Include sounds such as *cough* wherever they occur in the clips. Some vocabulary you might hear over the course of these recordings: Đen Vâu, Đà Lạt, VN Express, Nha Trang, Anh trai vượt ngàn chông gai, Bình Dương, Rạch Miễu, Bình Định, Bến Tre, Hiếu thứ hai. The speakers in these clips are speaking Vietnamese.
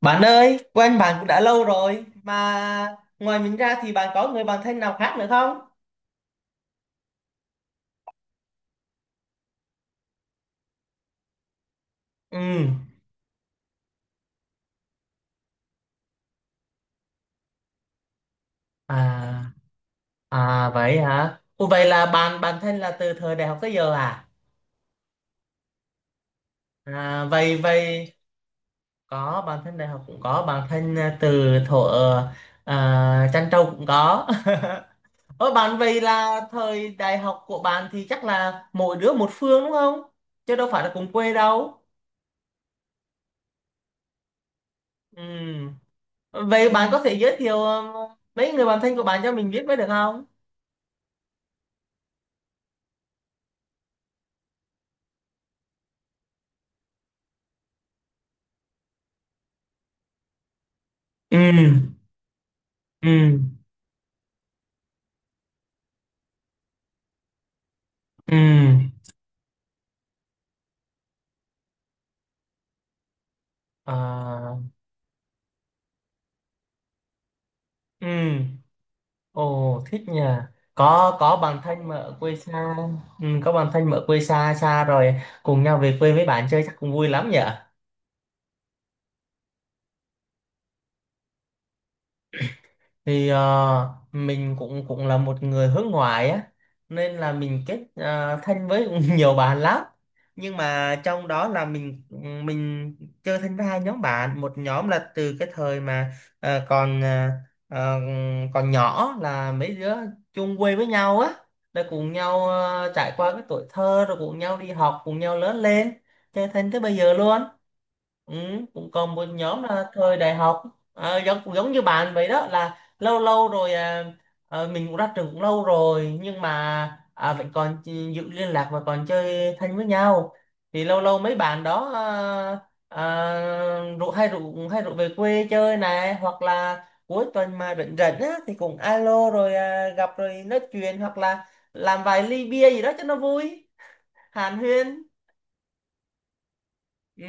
Bạn ơi, quen bạn cũng đã lâu rồi mà ngoài mình ra thì bạn có người bạn thân nào khác nữa không? Ừ. À, à vậy hả? Ủa, vậy là bạn bạn thân là từ thời đại học tới giờ à? À vậy vậy có bạn thân đại học cũng có bạn thân à, từ thuở à, Trăn Trâu cũng có. *laughs* Ủa bạn, vậy là thời đại học của bạn thì chắc là mỗi đứa một phương đúng không? Chứ đâu phải là cùng quê đâu. Ừ. Vậy bạn có thể giới thiệu mấy người bạn thân của bạn cho mình biết mới được không? Ừ, ừ, ừ. À, ừ, ồ thích nhỉ. Có bạn thân mà ở quê xa, ừ, có bạn thân mà ở quê xa xa rồi cùng nhau về quê với bạn chơi chắc cũng vui lắm nhỉ. Thì mình cũng cũng là một người hướng ngoại á, nên là mình kết thân với *laughs* nhiều bạn lắm, nhưng mà trong đó là mình chơi thân với hai nhóm bạn. Một nhóm là từ cái thời mà ờ, còn ờ, ờ, còn nhỏ, là mấy đứa chung quê với nhau á, rồi cùng nhau trải qua cái tuổi thơ, rồi cùng nhau đi học, cùng nhau lớn lên, chơi thân tới bây giờ luôn. Ừ, cũng còn một nhóm là thời đại học. Ờ, giống giống như bạn vậy đó, là lâu lâu rồi à, mình cũng ra trường cũng lâu rồi, nhưng mà à, vẫn còn giữ liên lạc và còn chơi thân với nhau. Thì lâu lâu mấy bạn đó à, à, rủ về quê chơi này, hoặc là cuối tuần mà rảnh rảnh á thì cũng alo rồi à, gặp rồi nói chuyện, hoặc là làm vài ly bia gì đó cho nó vui, hàn huyên. Ừ.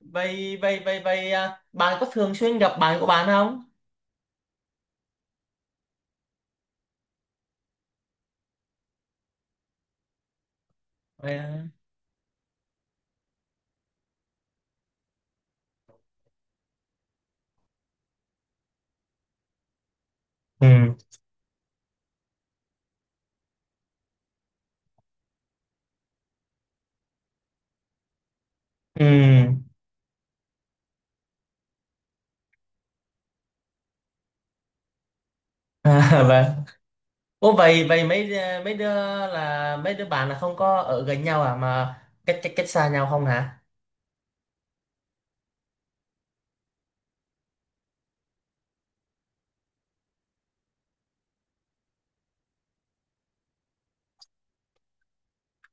vậy vậy vậy vậy à, bạn có thường xuyên gặp bạn của bạn không? Vậy à. Ừ, ừ. *laughs* À, vâng. Ủa vậy vậy mấy mấy đứa, là mấy đứa bạn là không có ở gần nhau à, mà cách cách cách xa nhau không hả?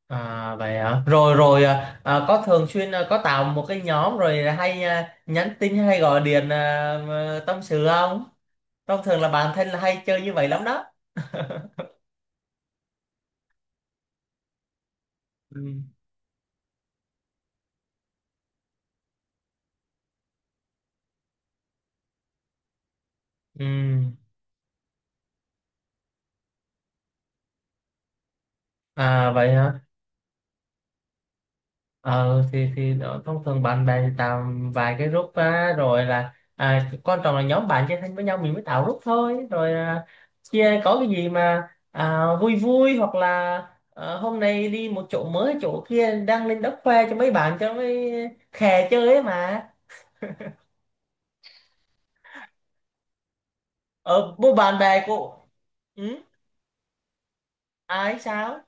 À vậy hả? Rồi rồi à, à, có thường xuyên à, có tạo một cái nhóm rồi hay à, nhắn tin hay gọi điện à, mà tâm sự không? Thông thường là bạn thân là hay chơi như vậy lắm đó. Ừ. Ừ. À vậy hả? Thì đó, thông thường bạn bè thì tạo vài cái group á, rồi là à, quan trọng là nhóm bạn chơi thân với nhau mình mới tạo group thôi. Rồi à, chia có cái gì mà à, vui vui, hoặc là hôm nay đi một chỗ mới, chỗ kia đăng lên đất khoe cho mấy bạn, cho mấy khè chơi ấy mà. Ờ bố bạn bè của ừ, ai sao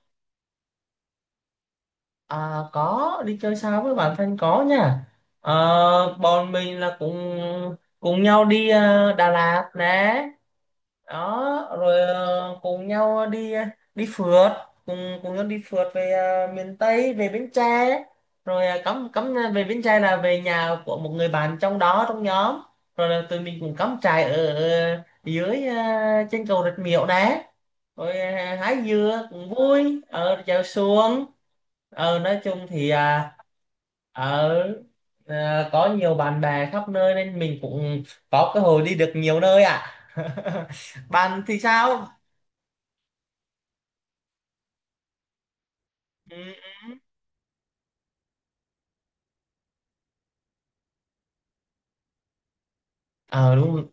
à, có đi chơi sao với bạn thân có nha. Ờ, bọn mình là cùng cùng nhau đi Đà Lạt nè, đó rồi cùng nhau đi đi phượt, cùng cùng nhau đi phượt về miền Tây, về Bến Tre. Rồi ờ, cắm cắm ờ, về Bến Tre là về nhà của một người bạn trong đó, trong nhóm. Rồi là tụi mình cùng cắm trại ở trên cầu Rạch Miễu đấy. Rồi hái dừa cũng vui, ở chèo xuồng. Ờ, nói chung thì à, ở à, có nhiều bạn bè khắp nơi nên mình cũng có cơ hội đi được nhiều nơi ạ. *laughs* Bạn thì sao? Ừ, ừ. Ờ đúng,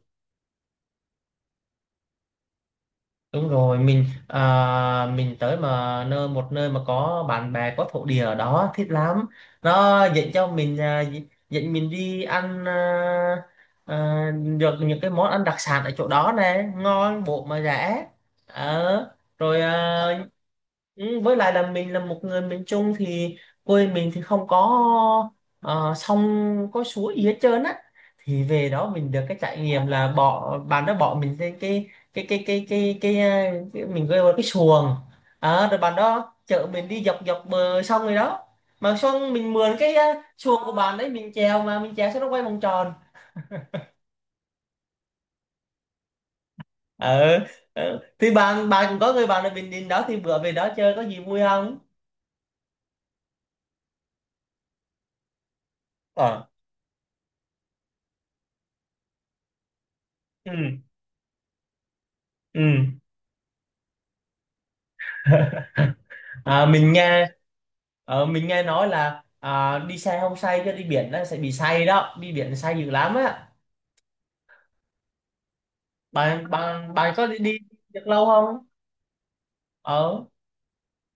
đúng rồi, mình à, mình tới mà nơi một nơi mà có bạn bè, có thổ địa ở đó thích lắm. Nó dẫn cho mình à, dẫn mình đi ăn à, à, được những cái món ăn đặc sản ở chỗ đó này, ngon bộ mà rẻ. Ờ, rồi à, ừ, với lại là mình là một người miền Trung thì quê mình thì không có sông, có suối gì hết trơn á. Thì về đó mình được cái trải nghiệm là bỏ bạn đó bỏ mình lên cái cái, cái mình gọi là cái xuồng. Ờ, rồi bạn đó chở mình đi dọc dọc bờ sông rồi đó. Mà xong mình mượn cái xuồng của bạn đấy, mình chèo, mà mình chèo xong nó quay vòng tròn. Ờ, ờ. Thì bạn bạn cũng có người bạn ở Bình Định đó, thì bữa về đó chơi có gì vui không? Ờ. Ừ, ừ. *laughs* À, mình nghe mình nghe nói là à, đi xe không say, chứ đi biển là sẽ bị say đó, đi biển say dữ lắm á. Bạn bạn bạn có đi, đi được lâu không, ờ,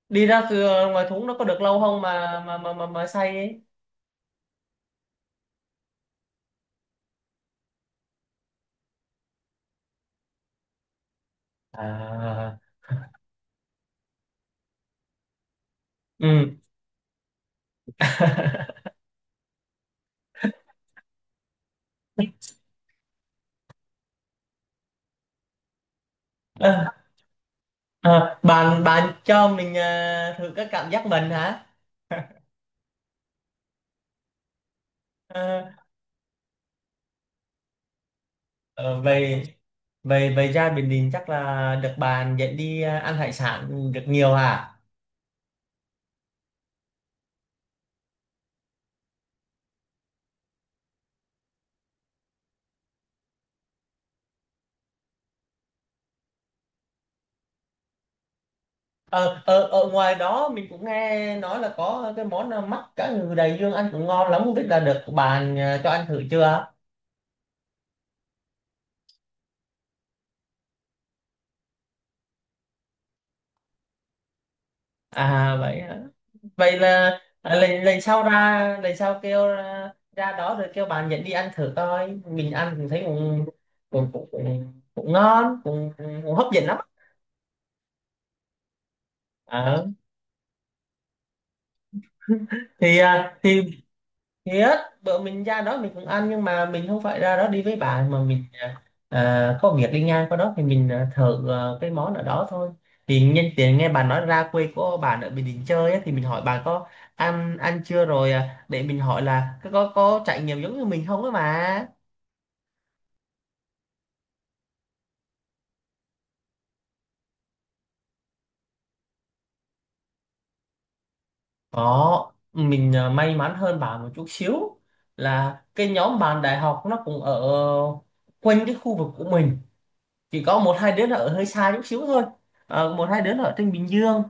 đi ra cửa ngoài thúng nó có được lâu không mà, say ấy? À, ừ. *laughs* Ờ, ờ, bạn bạn cho mình thử các cảm giác mình hả? Ờ, ờ, về về về ra Bình Định chắc là được bạn dẫn đi ăn hải sản được nhiều hả? Ờ, ờ, ở ngoài đó mình cũng nghe nói là có cái món là mắt cá ngừ đầy dương, ăn cũng ngon lắm, không biết là được bạn à, cho ăn thử chưa? À vậy hả? Vậy là à, lần lần sau ra lần sau kêu ra, ra đó rồi kêu bạn dẫn đi ăn thử coi, mình ăn cũng thấy cũng cũng ngon, cũng, cũng hấp dẫn lắm. Ờ. *laughs* Thì à, thì thiệt, bữa mình ra đó mình cũng ăn nhưng mà mình không phải ra đó đi với bạn, mà mình à, có việc đi ngang qua đó thì mình à, thử à, cái món ở đó thôi. Thì nhân tiện nghe bạn nói ra quê của bạn ở Bình Định chơi á, thì mình hỏi bạn có ăn ăn chưa rồi à, để mình hỏi là có trải nghiệm giống như mình không á mà. Có, mình à, may mắn hơn bạn một chút xíu, là cái nhóm bạn đại học nó cũng ở quanh cái khu vực của mình, chỉ có một hai đứa nó ở hơi xa chút xíu thôi. Ờ, một hai đứa nó ở trên Bình Dương,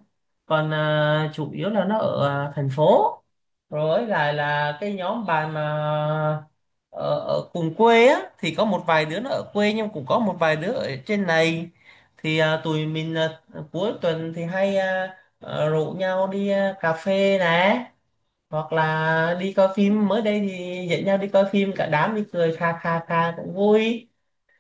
còn à, chủ yếu là nó ở à, thành phố. Rồi là cái nhóm bạn mà ở cùng quê á thì có một vài đứa nó ở quê, nhưng cũng có một vài đứa ở trên này. Thì à, tụi mình à, cuối tuần thì hay à, à, rủ nhau đi à, cà phê nè, hoặc là đi coi phim. Mới đây thì dẫn nhau đi coi phim cả đám, đi cười kha kha kha cũng vui.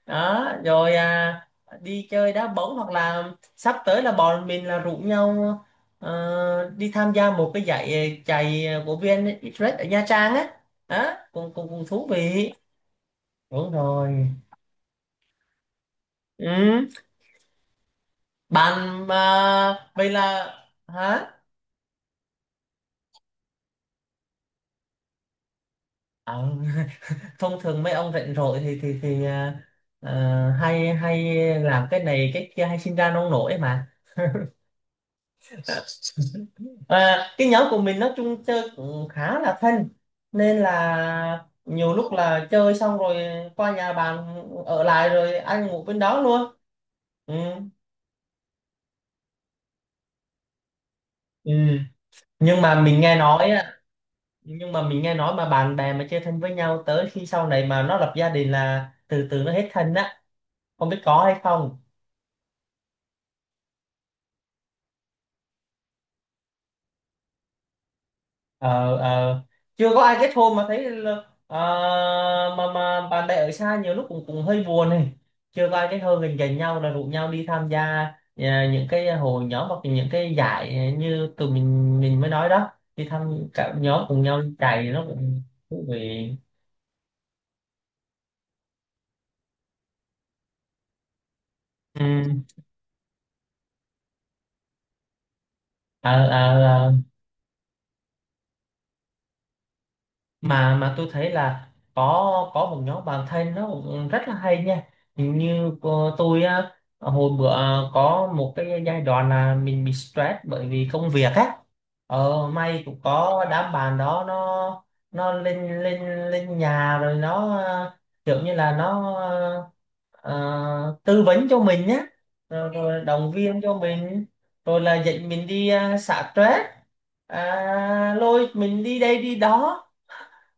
Đó rồi à, đi chơi đá bóng, hoặc là sắp tới là bọn mình là rủ nhau đi tham gia một cái giải chạy của VN Express ở Nha Trang á. Đó cũng cũng cũng thú vị, đúng rồi. Ừ. Bạn mà vậy là hả? Ờ, *laughs* thông thường mấy ông rảnh rỗi thì thì à, hay hay làm cái này cái kia, hay sinh ra nông nổi mà. *laughs* Và cái nhóm của mình nói chung chơi cũng khá là thân, nên là nhiều lúc là chơi xong rồi qua nhà bạn ở lại rồi ăn ngủ bên đó luôn. Ừ. Ừ. Nhưng mà mình nghe nói á, nhưng mà mình nghe nói mà bạn bè mà chơi thân với nhau, tới khi sau này mà nó lập gia đình là từ từ nó hết thân á, không biết có hay không? Ờ, ờ, chưa có ai kết hôn mà thấy là, à, mà bạn bè ở xa nhiều lúc cũng cũng hơi buồn này. Chưa có ai kết hôn, gần gần nhau là rủ nhau đi tham gia à, những cái hội nhóm, hoặc những cái giải như tụi mình mới nói đó, đi thăm cả nhóm cùng nhau đi chạy nó cũng thú vị. Ừ. À, mà tôi thấy là có một nhóm bạn thân nó cũng rất là hay nha. Hình như tôi á, hồi bữa à, có một cái giai đoạn là mình bị stress bởi vì công việc á. Ờ may cũng có đám bạn đó, nó lên lên lên nhà, rồi nó kiểu như là nó tư vấn cho mình nhé, rồi, rồi động viên cho mình, rồi là dạy mình đi xả stress à, lôi mình đi đây đi đó.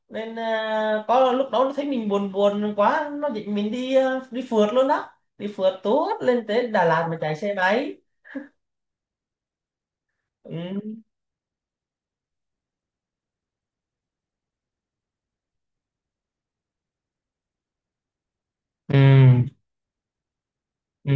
Nên à, có lúc đó nó thấy mình buồn buồn quá, nó định mình đi à, đi phượt luôn đó, đi phượt tuốt lên tới Đà Lạt mà chạy xe máy. Ừ. Ừ. Ừ.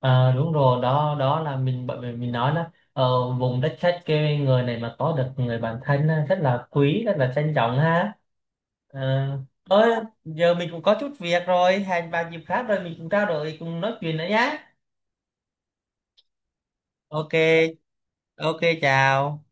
À, đúng rồi đó, đó là mình bởi vì mình nói là vùng đất khách quê người này mà có được người bạn thân á, rất là quý, rất là trân trọng ha. Ờ, thôi giờ mình cũng có chút việc rồi, hẹn vào dịp khác rồi mình cũng trao đổi cùng nói chuyện nữa nhé. Ok. Ok, chào.